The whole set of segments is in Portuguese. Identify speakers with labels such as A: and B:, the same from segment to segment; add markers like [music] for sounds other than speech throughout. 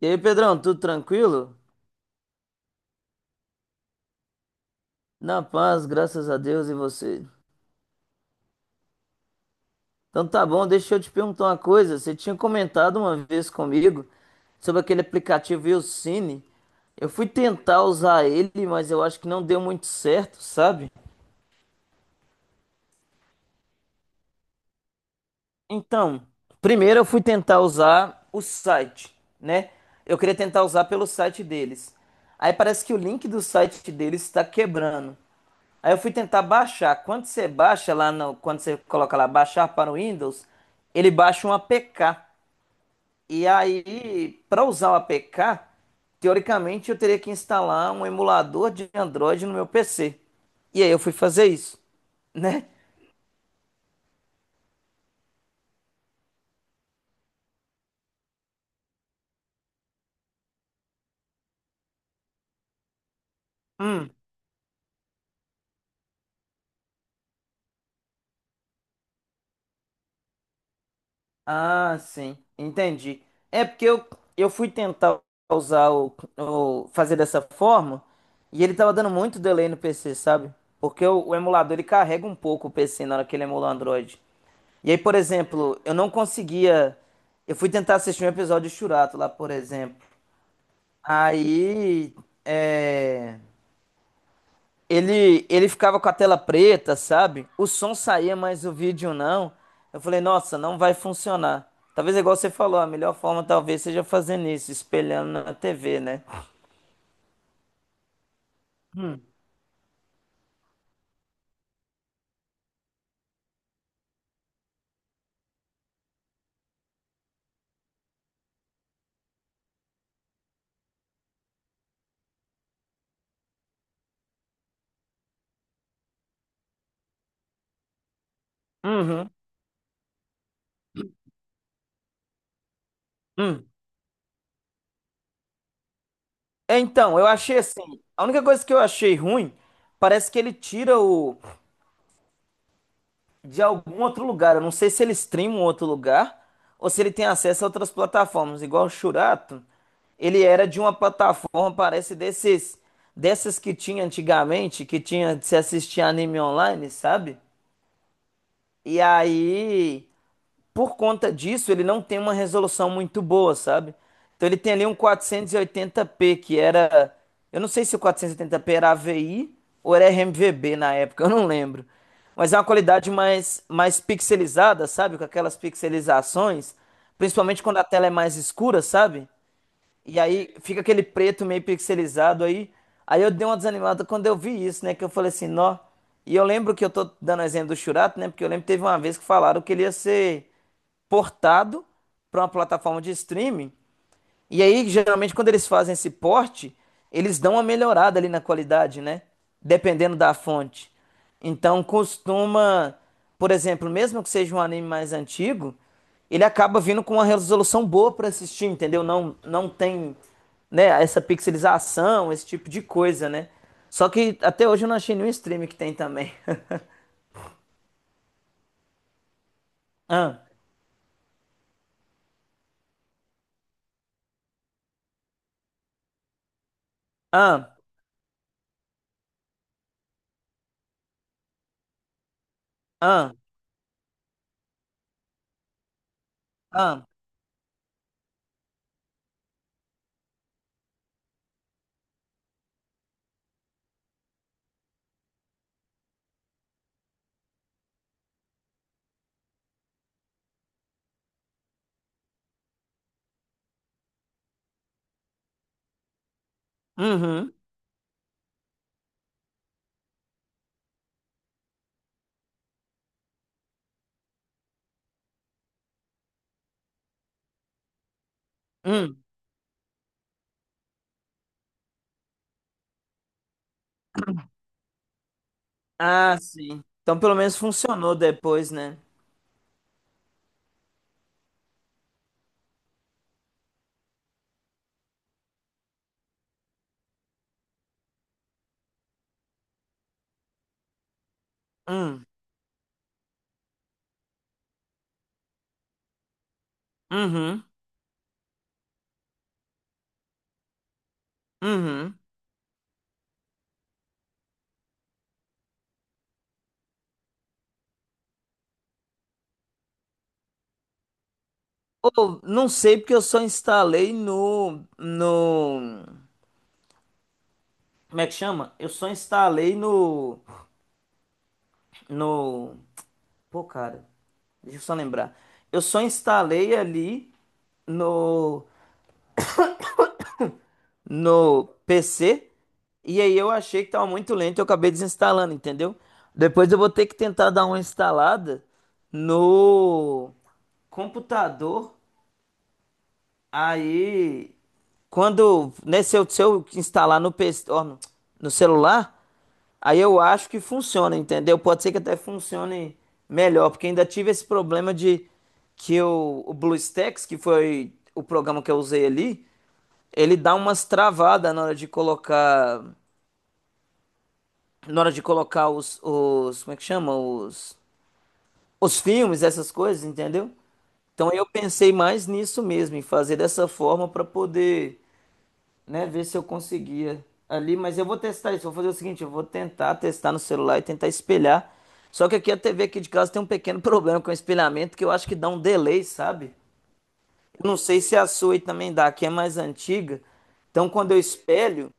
A: E aí, Pedrão, tudo tranquilo? Na paz, graças a Deus e você. Então tá bom, deixa eu te perguntar uma coisa. Você tinha comentado uma vez comigo sobre aquele aplicativo Willcine. Eu fui tentar usar ele, mas eu acho que não deu muito certo, sabe? Então, primeiro eu fui tentar usar o site, né? Eu queria tentar usar pelo site deles. Aí parece que o link do site deles está quebrando. Aí eu fui tentar baixar. Quando você baixa lá no, quando você coloca lá baixar para o Windows, ele baixa um APK. E aí, para usar o APK, teoricamente eu teria que instalar um emulador de Android no meu PC. E aí eu fui fazer isso, né? Ah, sim, entendi. É porque eu fui tentar usar o- fazer dessa forma e ele tava dando muito delay no PC, sabe? Porque o emulador ele carrega um pouco o PC na hora que ele emula o Android. E aí, por exemplo, eu não conseguia. Eu fui tentar assistir um episódio de Churato lá, por exemplo. Aí. É. Ele ficava com a tela preta, sabe? O som saía, mas o vídeo não. Eu falei, nossa, não vai funcionar. Talvez é igual você falou, a melhor forma talvez seja fazendo isso, espelhando na TV, né? Uhum. Hum. É, então, eu achei assim, a única coisa que eu achei ruim, parece que ele tira o, de algum outro lugar. Eu não sei se ele streama um outro lugar ou se ele tem acesso a outras plataformas. Igual o Shurato, ele era de uma plataforma, parece desses, dessas que tinha antigamente, que tinha de se assistir anime online, sabe? E aí por conta disso, ele não tem uma resolução muito boa, sabe? Então ele tem ali um 480p, que era. Eu não sei se o 480p era AVI ou era RMVB na época, [laughs] eu não lembro. Mas é uma qualidade mais, mais pixelizada, sabe? Com aquelas pixelizações, principalmente quando a tela é mais escura, sabe? E aí fica aquele preto meio pixelizado aí. Aí eu dei uma desanimada quando eu vi isso, né? Que eu falei assim, nó. E eu lembro que eu tô dando exemplo do Shurato, né? Porque eu lembro que teve uma vez que falaram que ele ia ser portado para uma plataforma de streaming. E aí, geralmente, quando eles fazem esse porte, eles dão uma melhorada ali na qualidade, né? Dependendo da fonte. Então, costuma, por exemplo, mesmo que seja um anime mais antigo, ele acaba vindo com uma resolução boa pra assistir, entendeu? Não tem, né, essa pixelização, esse tipo de coisa, né? Só que até hoje eu não achei nenhum stream que tem também. [laughs] Ah, ah, ah, ah. Uhum, hum. Ah, sim. Então pelo menos funcionou depois, né? Hum. Uhum, uhum. Ou, não sei porque eu só instalei no... Como é que chama? Eu só instalei no... No... Pô, cara, deixa eu só lembrar. Eu só instalei ali no... No PC e aí eu achei que tava muito lento e eu acabei desinstalando, entendeu? Depois eu vou ter que tentar dar uma instalada no computador. Aí, quando, né, se eu instalar no PC, ó, no celular, aí eu acho que funciona, entendeu? Pode ser que até funcione melhor, porque ainda tive esse problema de que o BlueStacks, que foi o programa que eu usei ali, ele dá umas travadas na hora de colocar, na hora de colocar como é que chama? Os filmes, essas coisas, entendeu? Então eu pensei mais nisso mesmo, em fazer dessa forma para poder né? Ver se eu conseguia ali, mas eu vou testar isso. Vou fazer o seguinte, eu vou tentar testar no celular e tentar espelhar. Só que aqui a TV aqui de casa tem um pequeno [laughs] problema com o espelhamento que eu acho que dá um delay, sabe? Eu não sei se a sua aí também dá, que é mais antiga. Então quando eu espelho,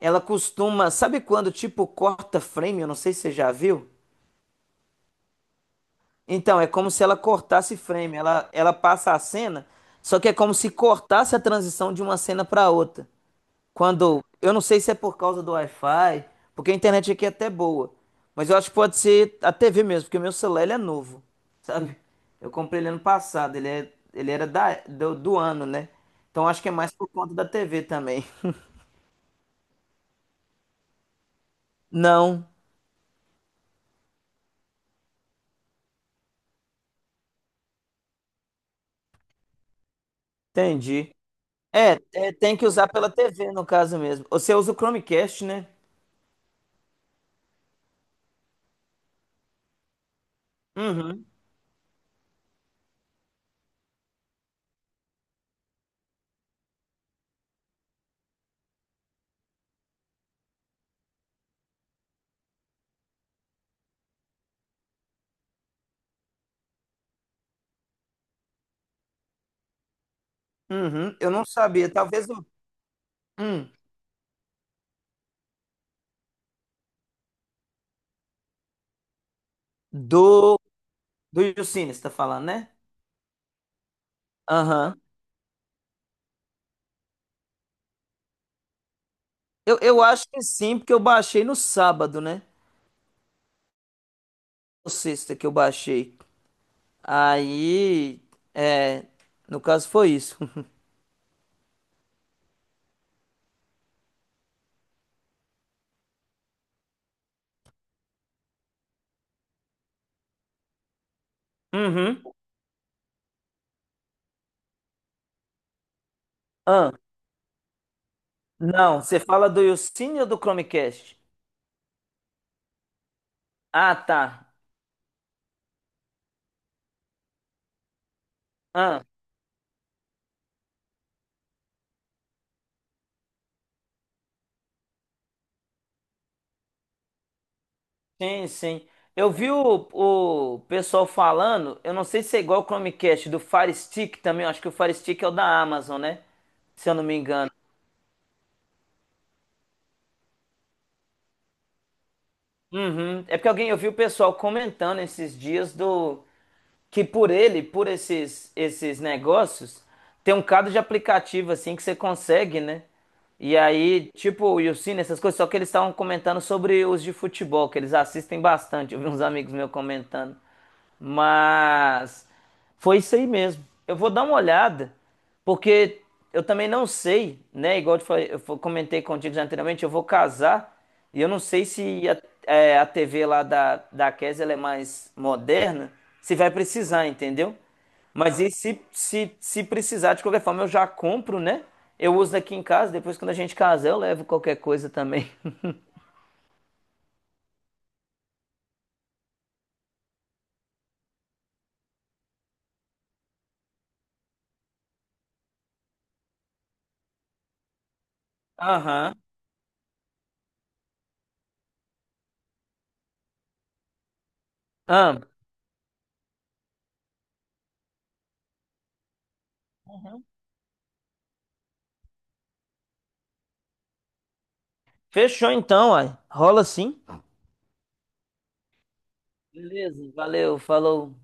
A: ela costuma, sabe quando tipo corta frame? Eu não sei se você já viu. Então, é como se ela cortasse frame, ela passa a cena, só que é como se cortasse a transição de uma cena para outra. Quando, eu não sei se é por causa do Wi-Fi, porque a internet aqui é até boa, mas eu acho que pode ser a TV mesmo, porque o meu celular ele é novo, [laughs] sabe? Eu comprei ele ano passado, ele é, ele era da, do ano, né? Então acho que é mais por conta da TV também. [laughs] Não, entendi. É, é, tem que usar pela TV no caso mesmo. Você usa o Chromecast, né? Uhum, uhum. Eu não sabia, talvez o hum, do do Yucine, você tá falando, né? Aham. Eu acho que sim, porque eu baixei no sábado, né? Ou sexta que eu baixei. Aí, é, no caso foi isso. [laughs] Uhum. Ah, não, você fala do Yucine ou do Chromecast? Ah, tá. Ah, sim. Eu vi o pessoal falando, eu não sei se é igual o Chromecast, do Fire Stick também, eu acho que o Fire Stick é o da Amazon, né? Se eu não me engano. Uhum. É porque alguém, eu vi o pessoal comentando esses dias do que por ele, por esses negócios, tem um cado de aplicativo assim que você consegue, né? E aí, tipo, o Yusin, essas coisas, só que eles estavam comentando sobre os de futebol, que eles assistem bastante. Eu vi uns amigos meus comentando. Mas foi isso aí mesmo. Eu vou dar uma olhada, porque eu também não sei, né? Igual eu, te falei- eu fo- comentei contigo já anteriormente, eu vou casar e eu não sei se a, é, a TV lá da, da Kes, ela é mais moderna, se vai precisar, entendeu? Mas e se precisar, de qualquer forma, eu já compro, né? Eu uso aqui em casa, depois quando a gente casar, eu levo qualquer coisa também. [laughs] Aham. Ah, fechou então, ai. Rola sim. Beleza, valeu, falou.